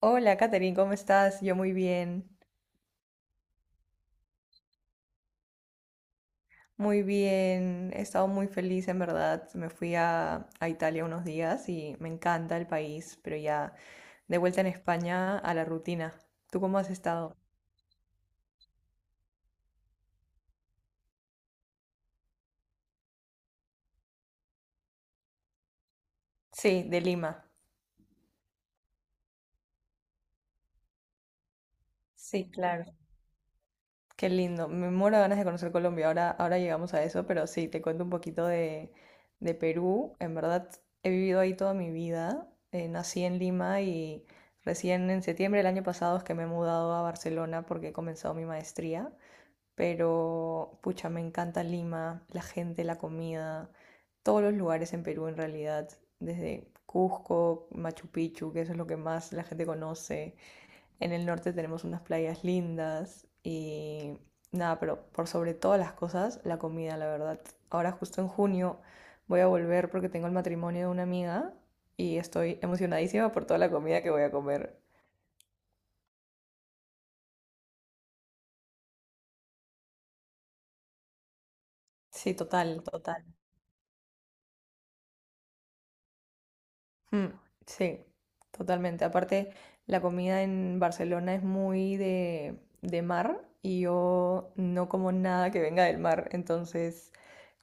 Hola, Katherine, ¿cómo estás? Yo muy bien, muy bien. He estado muy feliz, en verdad. Me fui a Italia unos días y me encanta el país, pero ya de vuelta en España a la rutina. ¿Tú cómo has estado? Sí, de Lima. Sí, claro. Qué lindo, me muero de ganas de conocer Colombia, ahora llegamos a eso, pero sí, te cuento un poquito de Perú. En verdad, he vivido ahí toda mi vida. Nací en Lima y recién en septiembre del año pasado es que me he mudado a Barcelona porque he comenzado mi maestría, pero pucha, me encanta Lima, la gente, la comida, todos los lugares en Perú en realidad, desde Cusco, Machu Picchu, que eso es lo que más la gente conoce. En el norte tenemos unas playas lindas y nada, pero por sobre todas las cosas, la comida, la verdad. Ahora justo en junio voy a volver porque tengo el matrimonio de una amiga y estoy emocionadísima por toda la comida que voy a comer. Sí, total, total. Mm, sí, totalmente. Aparte, la comida en Barcelona es muy de mar y yo no como nada que venga del mar, entonces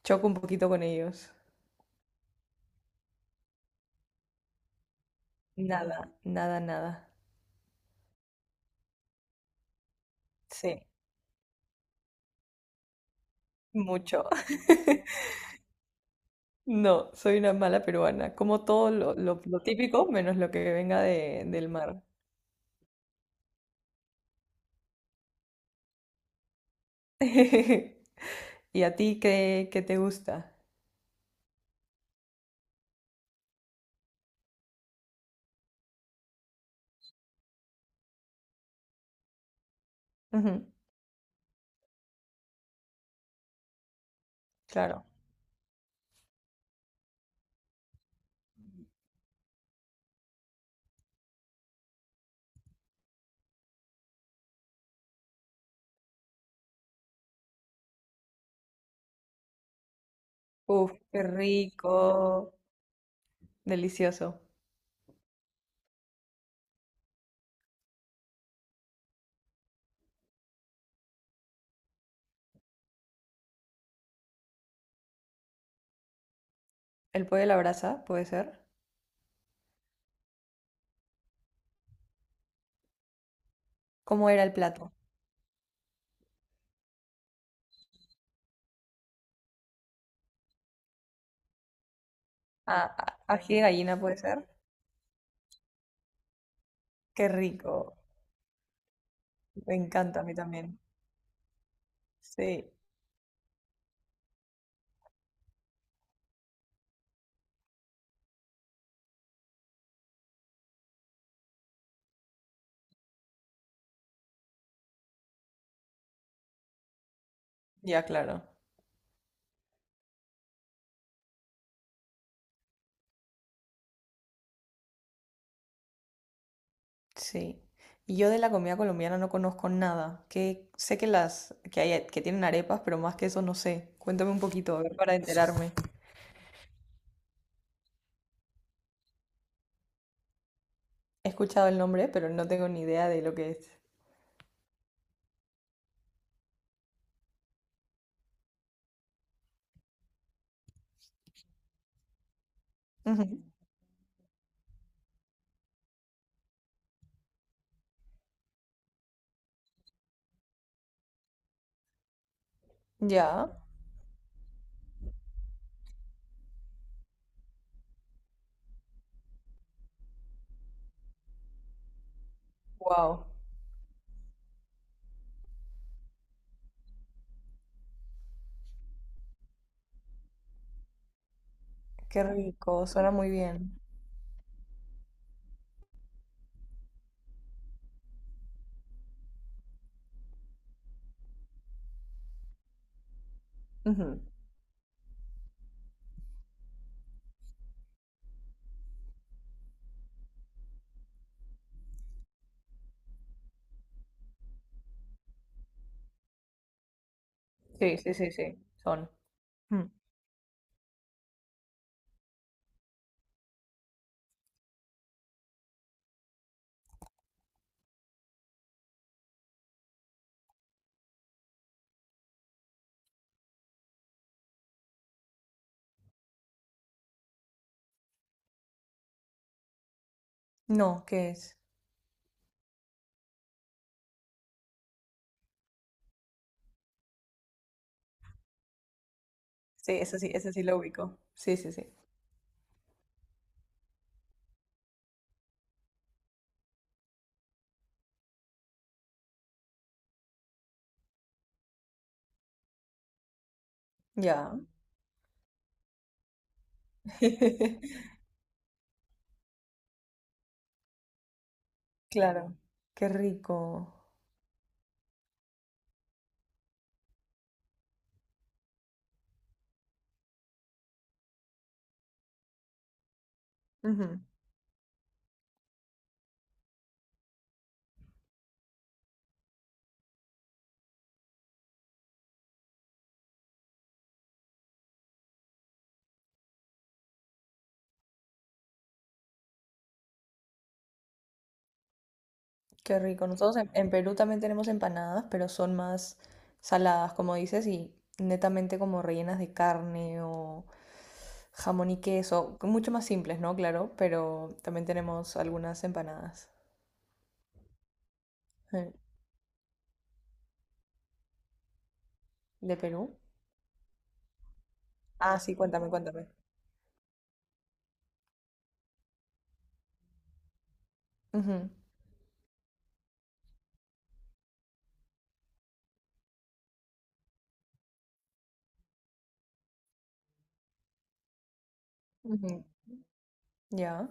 choco un poquito con ellos. Nada, nada, nada. Sí. Mucho. No, soy una mala peruana. Como todo lo típico, menos lo que venga del mar. ¿Y a ti qué te gusta? Ujú, claro. Uf, qué rico. Delicioso. ¿El pollo a la brasa puede ser? ¿Cómo era el plato? Ah, ají de gallina puede ser. Qué rico. Me encanta a mí también. Sí, ya claro. Sí. Y yo de la comida colombiana no conozco nada. Que sé que las que hay que tienen arepas, pero más que eso no sé. Cuéntame un poquito, a ver, para enterarme. He escuchado el nombre, pero no tengo ni idea de lo que es. Ujú. Ya. Wow. Qué rico. Suena muy bien. Ujú. Sí, sí, sí, sí. Son. Mm. No, ¿qué es? Sí, ese sí, ese sí lo ubico. Sí, sí, sí. Ya. Claro. Qué rico. Qué rico. Nosotros en Perú también tenemos empanadas, pero son más saladas, como dices, y netamente como rellenas de carne o jamón y queso, mucho más simples, ¿no? Claro, pero también tenemos algunas empanadas. Eh, ¿De Perú? Ah, sí, cuéntame, cuéntame. Ujú, ujú, ya.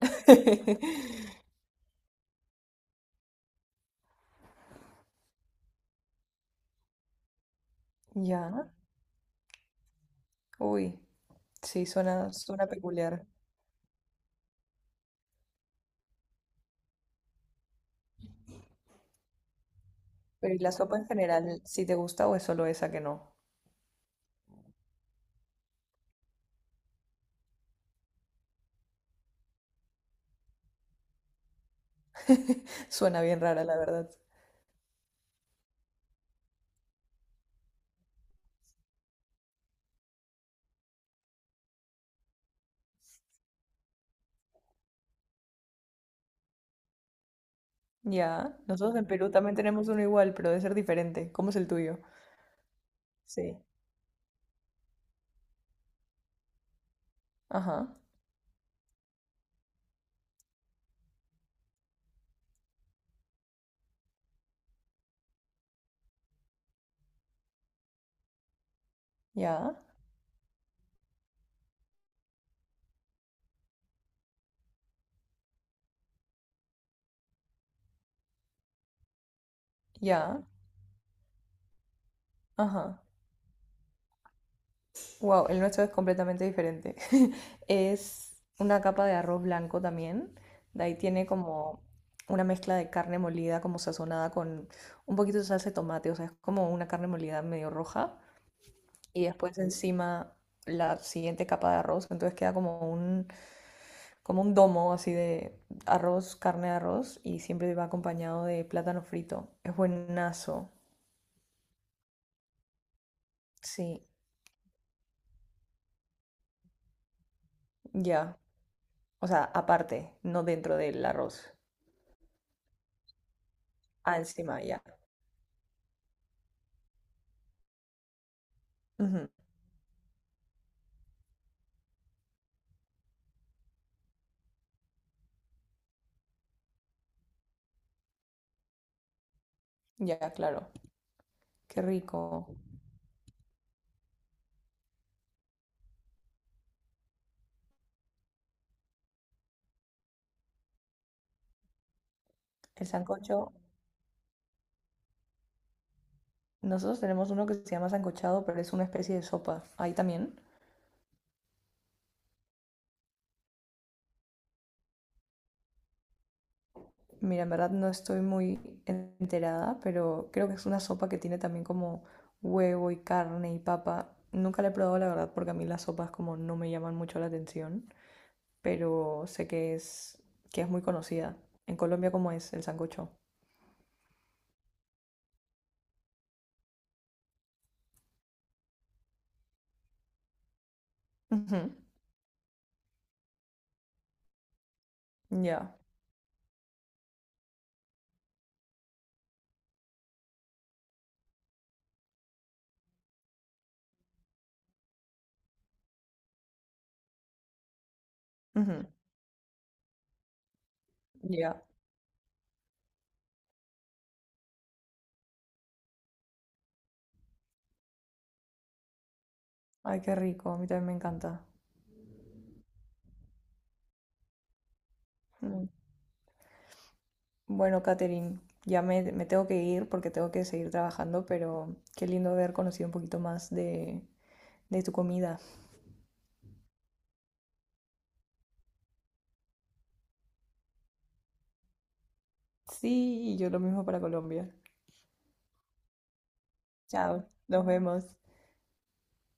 Ya. Uy, sí, suena, suena peculiar. Pero ¿y la sopa en general, si te gusta o es solo esa que no? Suena bien rara, la verdad. Ya, nosotros en Perú también tenemos uno igual, pero debe ser diferente. ¿Cómo es el tuyo? Sí. Ajá. Ya. Ya. Ajá. Wow, el nuestro es completamente diferente. Es una capa de arroz blanco también. De ahí tiene como una mezcla de carne molida, como sazonada con un poquito de salsa de tomate. O sea, es como una carne molida medio roja. Y después encima la siguiente capa de arroz. Entonces queda como un domo así de arroz, carne de arroz y siempre va acompañado de plátano frito. Es buenazo. Sí, ya. O sea, aparte, no dentro del arroz. Ah, encima, ya. Ujú, ya, claro. Qué rico. El sancocho, nosotros tenemos uno que se llama sancochado, pero es una especie de sopa. Ahí también. Mira, en verdad no estoy muy enterada, pero creo que es una sopa que tiene también como huevo y carne y papa. Nunca la he probado, la verdad, porque a mí las sopas como no me llaman mucho la atención, pero sé que es muy conocida. En Colombia, ¿cómo es el sancocho? Ujú, ya, ujú, ya. Ay, qué rico, a mí también me encanta. Mm. Bueno, Katherine, ya me tengo que ir porque tengo que seguir trabajando, pero qué lindo haber conocido un poquito más de tu comida. Sí, y yo lo mismo para Colombia. Chao, nos vemos.